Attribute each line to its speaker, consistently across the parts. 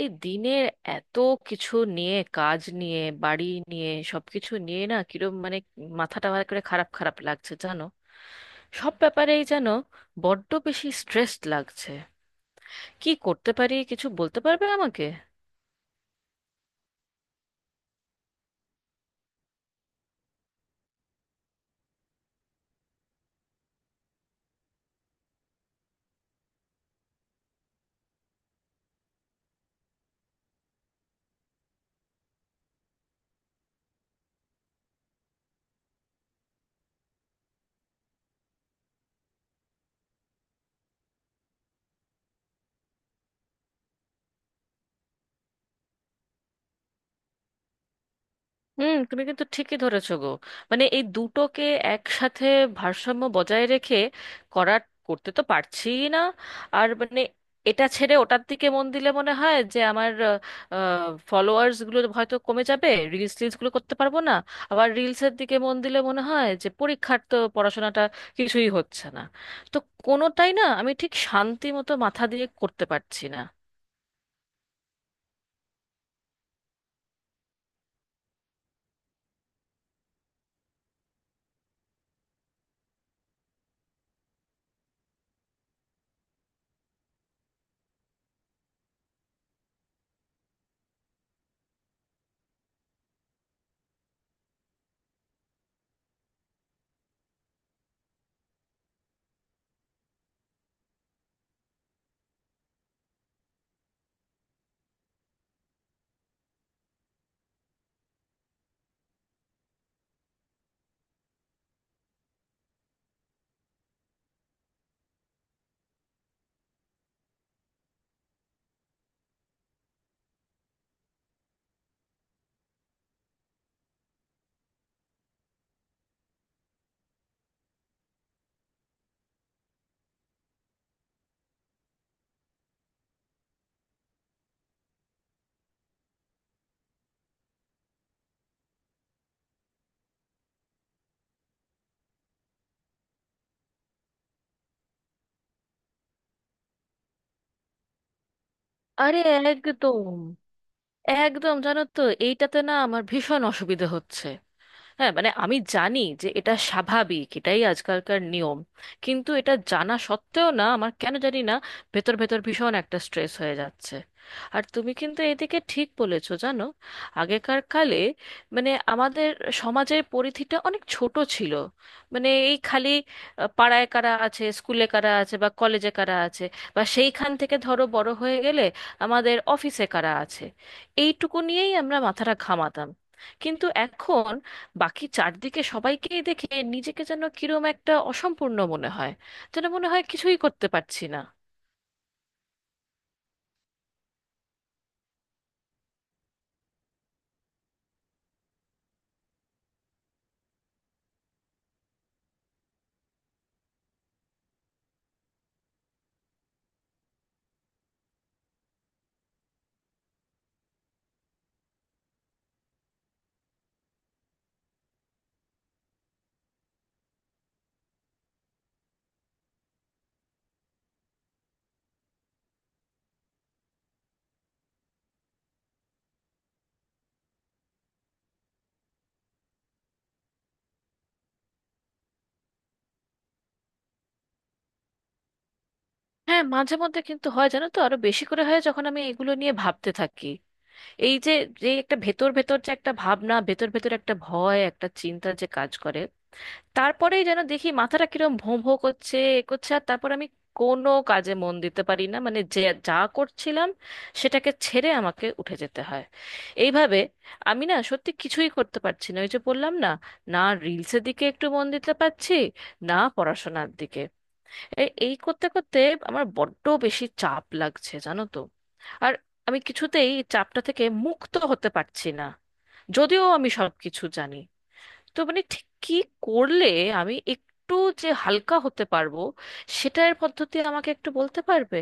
Speaker 1: এই দিনের এত কিছু নিয়ে, কাজ নিয়ে, বাড়ি নিয়ে, সবকিছু নিয়ে, না কিরম মাথাটা ভালো করে খারাপ খারাপ লাগছে জানো। সব ব্যাপারেই যেন বড্ড বেশি স্ট্রেসড লাগছে। কি করতে পারি কিছু বলতে পারবে আমাকে? হুম, তুমি কিন্তু ঠিকই ধরেছো গো। এই দুটোকে একসাথে ভারসাম্য বজায় রেখে করার, করতে তো পারছি না। আর এটা ছেড়ে ওটার দিকে মন দিলে মনে হয় যে আমার ফলোয়ার্স গুলো হয়তো কমে যাবে, রিলস টিলস গুলো করতে পারবো না। আবার রিলসের দিকে মন দিলে মনে হয় যে পরীক্ষার, তো পড়াশোনাটা কিছুই হচ্ছে না। তো কোনোটাই না আমি ঠিক শান্তি মতো মাথা দিয়ে করতে পারছি না। আরে একদম, একদম জানো তো, এইটাতে না আমার ভীষণ অসুবিধে হচ্ছে। হ্যাঁ, আমি জানি যে এটা স্বাভাবিক, এটাই আজকালকার নিয়ম। কিন্তু এটা জানা সত্ত্বেও না আমার কেন জানি না ভেতর ভেতর ভীষণ একটা স্ট্রেস হয়ে যাচ্ছে। আর তুমি কিন্তু এদিকে ঠিক বলেছো জানো। আগেকার কালে আমাদের সমাজের পরিধিটা অনেক ছোট ছিল। এই খালি পাড়ায় কারা আছে, স্কুলে কারা আছে, বা কলেজে কারা আছে, বা সেইখান থেকে ধরো বড় হয়ে গেলে আমাদের অফিসে কারা আছে, এইটুকু নিয়েই আমরা মাথাটা ঘামাতাম। কিন্তু এখন বাকি চারদিকে সবাইকেই দেখে নিজেকে যেন কিরম একটা অসম্পূর্ণ মনে হয়, যেন মনে হয় কিছুই করতে পারছি না। হ্যাঁ, মাঝে মধ্যে কিন্তু হয় জানো তো, আরো বেশি করে হয় যখন আমি এগুলো নিয়ে ভাবতে থাকি। এই যে যে একটা ভেতর ভেতর যে একটা ভাবনা ভেতর ভেতর একটা ভয়, একটা চিন্তা যে কাজ করে, তারপরেই যেন দেখি মাথাটা কিরম ভোঁ ভোঁ করছে, এ করছে, আর তারপর আমি কোনো কাজে মন দিতে পারি না। মানে যে যা করছিলাম সেটাকে ছেড়ে আমাকে উঠে যেতে হয়। এইভাবে আমি না সত্যি কিছুই করতে পারছি না। ওই যে বললাম না, না রিলসের দিকে একটু মন দিতে পারছি, না পড়াশোনার দিকে। এই এই করতে করতে আমার বড্ড বেশি চাপ লাগছে জানো তো। আর আমি কিছুতেই এই চাপটা থেকে মুক্ত হতে পারছি না, যদিও আমি সবকিছু জানি। তো ঠিক কি করলে আমি একটু যে হালকা হতে পারবো, সেটার পদ্ধতি আমাকে একটু বলতে পারবে?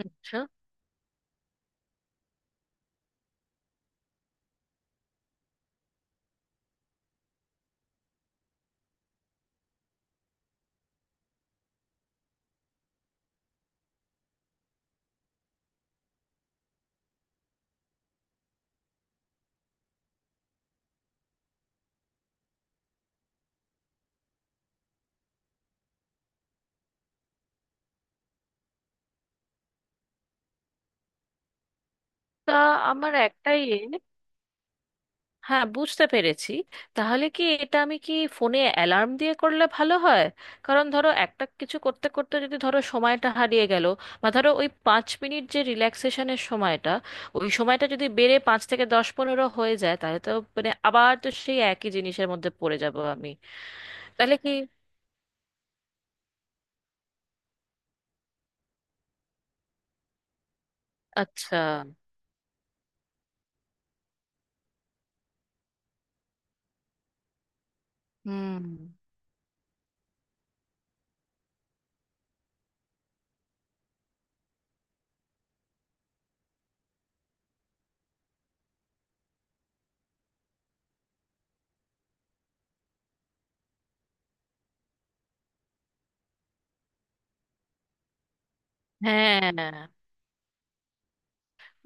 Speaker 1: আচ্ছা। তা আমার একটাই হ্যাঁ, বুঝতে পেরেছি। তাহলে কি এটা, আমি কি ফোনে অ্যালার্ম দিয়ে করলে ভালো হয়? কারণ ধরো একটা কিছু করতে করতে যদি ধরো সময়টা হারিয়ে গেল, বা ধরো ওই পাঁচ মিনিট যে রিল্যাক্সেশনের সময়টা, ওই সময়টা যদি বেড়ে পাঁচ থেকে দশ, পনেরো হয়ে যায়, তাহলে তো আবার তো সেই একই জিনিসের মধ্যে পড়ে যাব আমি। তাহলে কি? আচ্ছা। হুম। হ্যাঁ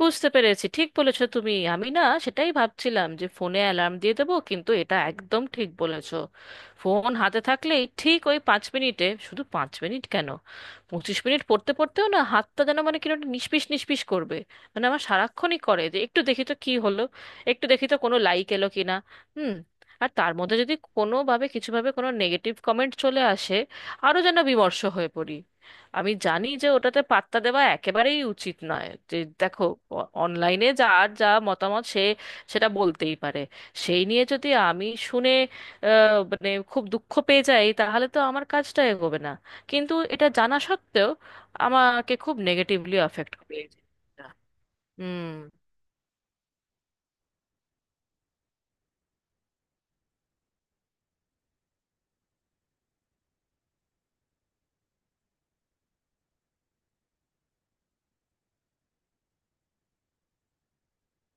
Speaker 1: বুঝতে পেরেছি, ঠিক বলেছো তুমি। আমি না সেটাই ভাবছিলাম যে ফোনে অ্যালার্ম দিয়ে দেবো, কিন্তু এটা একদম ঠিক বলেছো। ফোন হাতে থাকলেই ঠিক ওই পাঁচ মিনিটে, শুধু পাঁচ মিনিট কেন, পঁচিশ মিনিট পড়তে পড়তেও না হাতটা যেন কিরকম একটা নিষ্পিস নিষ্পিস করবে। আমার সারাক্ষণই করে যে একটু দেখি তো কি হলো, একটু দেখি তো কোনো লাইক এলো কি না। হুম। আর তার মধ্যে যদি কোনোভাবে কিছুভাবে কোনো নেগেটিভ কমেন্ট চলে আসে আরও যেন বিমর্ষ হয়ে পড়ি। আমি জানি যে ওটাতে পাত্তা দেওয়া একেবারেই উচিত নয়, যে দেখো অনলাইনে যার যা মতামত সে সেটা বলতেই পারে। সেই নিয়ে যদি আমি শুনে আহ, খুব দুঃখ পেয়ে যাই, তাহলে তো আমার কাজটা এগোবে না। কিন্তু এটা জানা সত্ত্বেও আমাকে খুব নেগেটিভলি অ্যাফেক্ট করে এই জিনিসটা। হুম।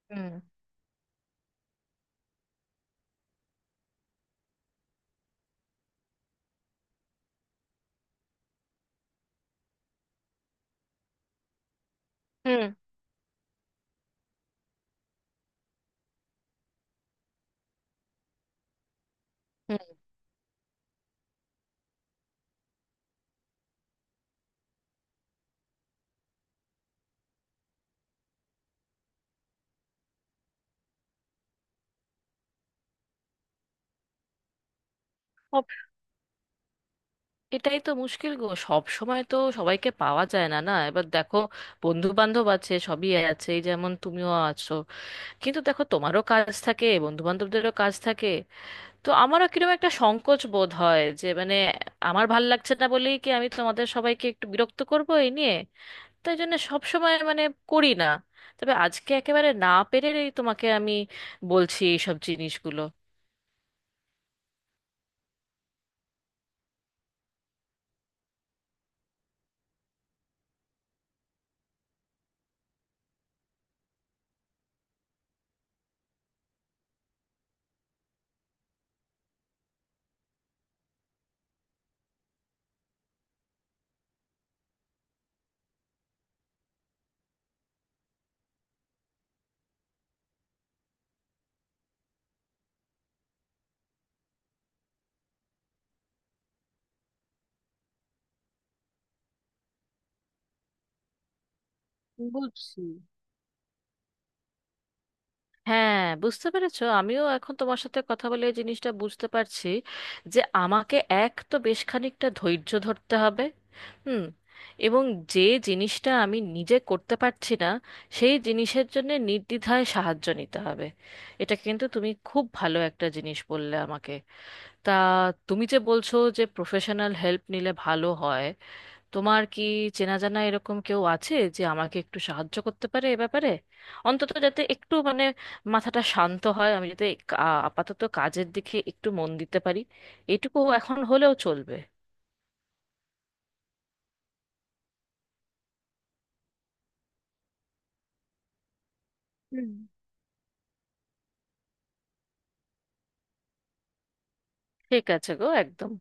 Speaker 1: হুম। হুম। হুম। ও, এটাই তো মুশকিল গো, সব সময় তো সবাইকে পাওয়া যায় না না। এবার দেখো বন্ধু বান্ধব আছে, সবই আছে, এই যেমন তুমিও আছো। কিন্তু দেখো তোমারও কাজ থাকে, বন্ধু বান্ধবদেরও কাজ থাকে। তো আমারও কিরকম একটা সংকোচ বোধ হয় যে আমার ভাল লাগছে না বলেই কি আমি তোমাদের সবাইকে একটু বিরক্ত করবো এই নিয়ে। তাই জন্য সব সময় করি না। তবে আজকে একেবারে না পেরেই তোমাকে আমি বলছি এইসব জিনিসগুলো। বুঝছি। হ্যাঁ বুঝতে পেরেছো, আমিও এখন তোমার সাথে কথা বলে এই জিনিসটা বুঝতে পারছি যে আমাকে এক তো বেশ খানিকটা ধৈর্য ধরতে হবে। হুম। এবং যে জিনিসটা আমি নিজে করতে পারছি না, সেই জিনিসের জন্য নির্দ্বিধায় সাহায্য নিতে হবে। এটা কিন্তু তুমি খুব ভালো একটা জিনিস বললে আমাকে। তা তুমি যে বলছো যে প্রফেশনাল হেল্প নিলে ভালো হয়, তোমার কি চেনা জানা এরকম কেউ আছে যে আমাকে একটু সাহায্য করতে পারে এ ব্যাপারে? অন্তত যাতে একটু মাথাটা শান্ত হয়, আমি যাতে আপাতত কাজের দিকে একটু মন দিতে পারি, এটুকু এখন হলেও চলবে। হুম। ঠিক আছে গো, একদম।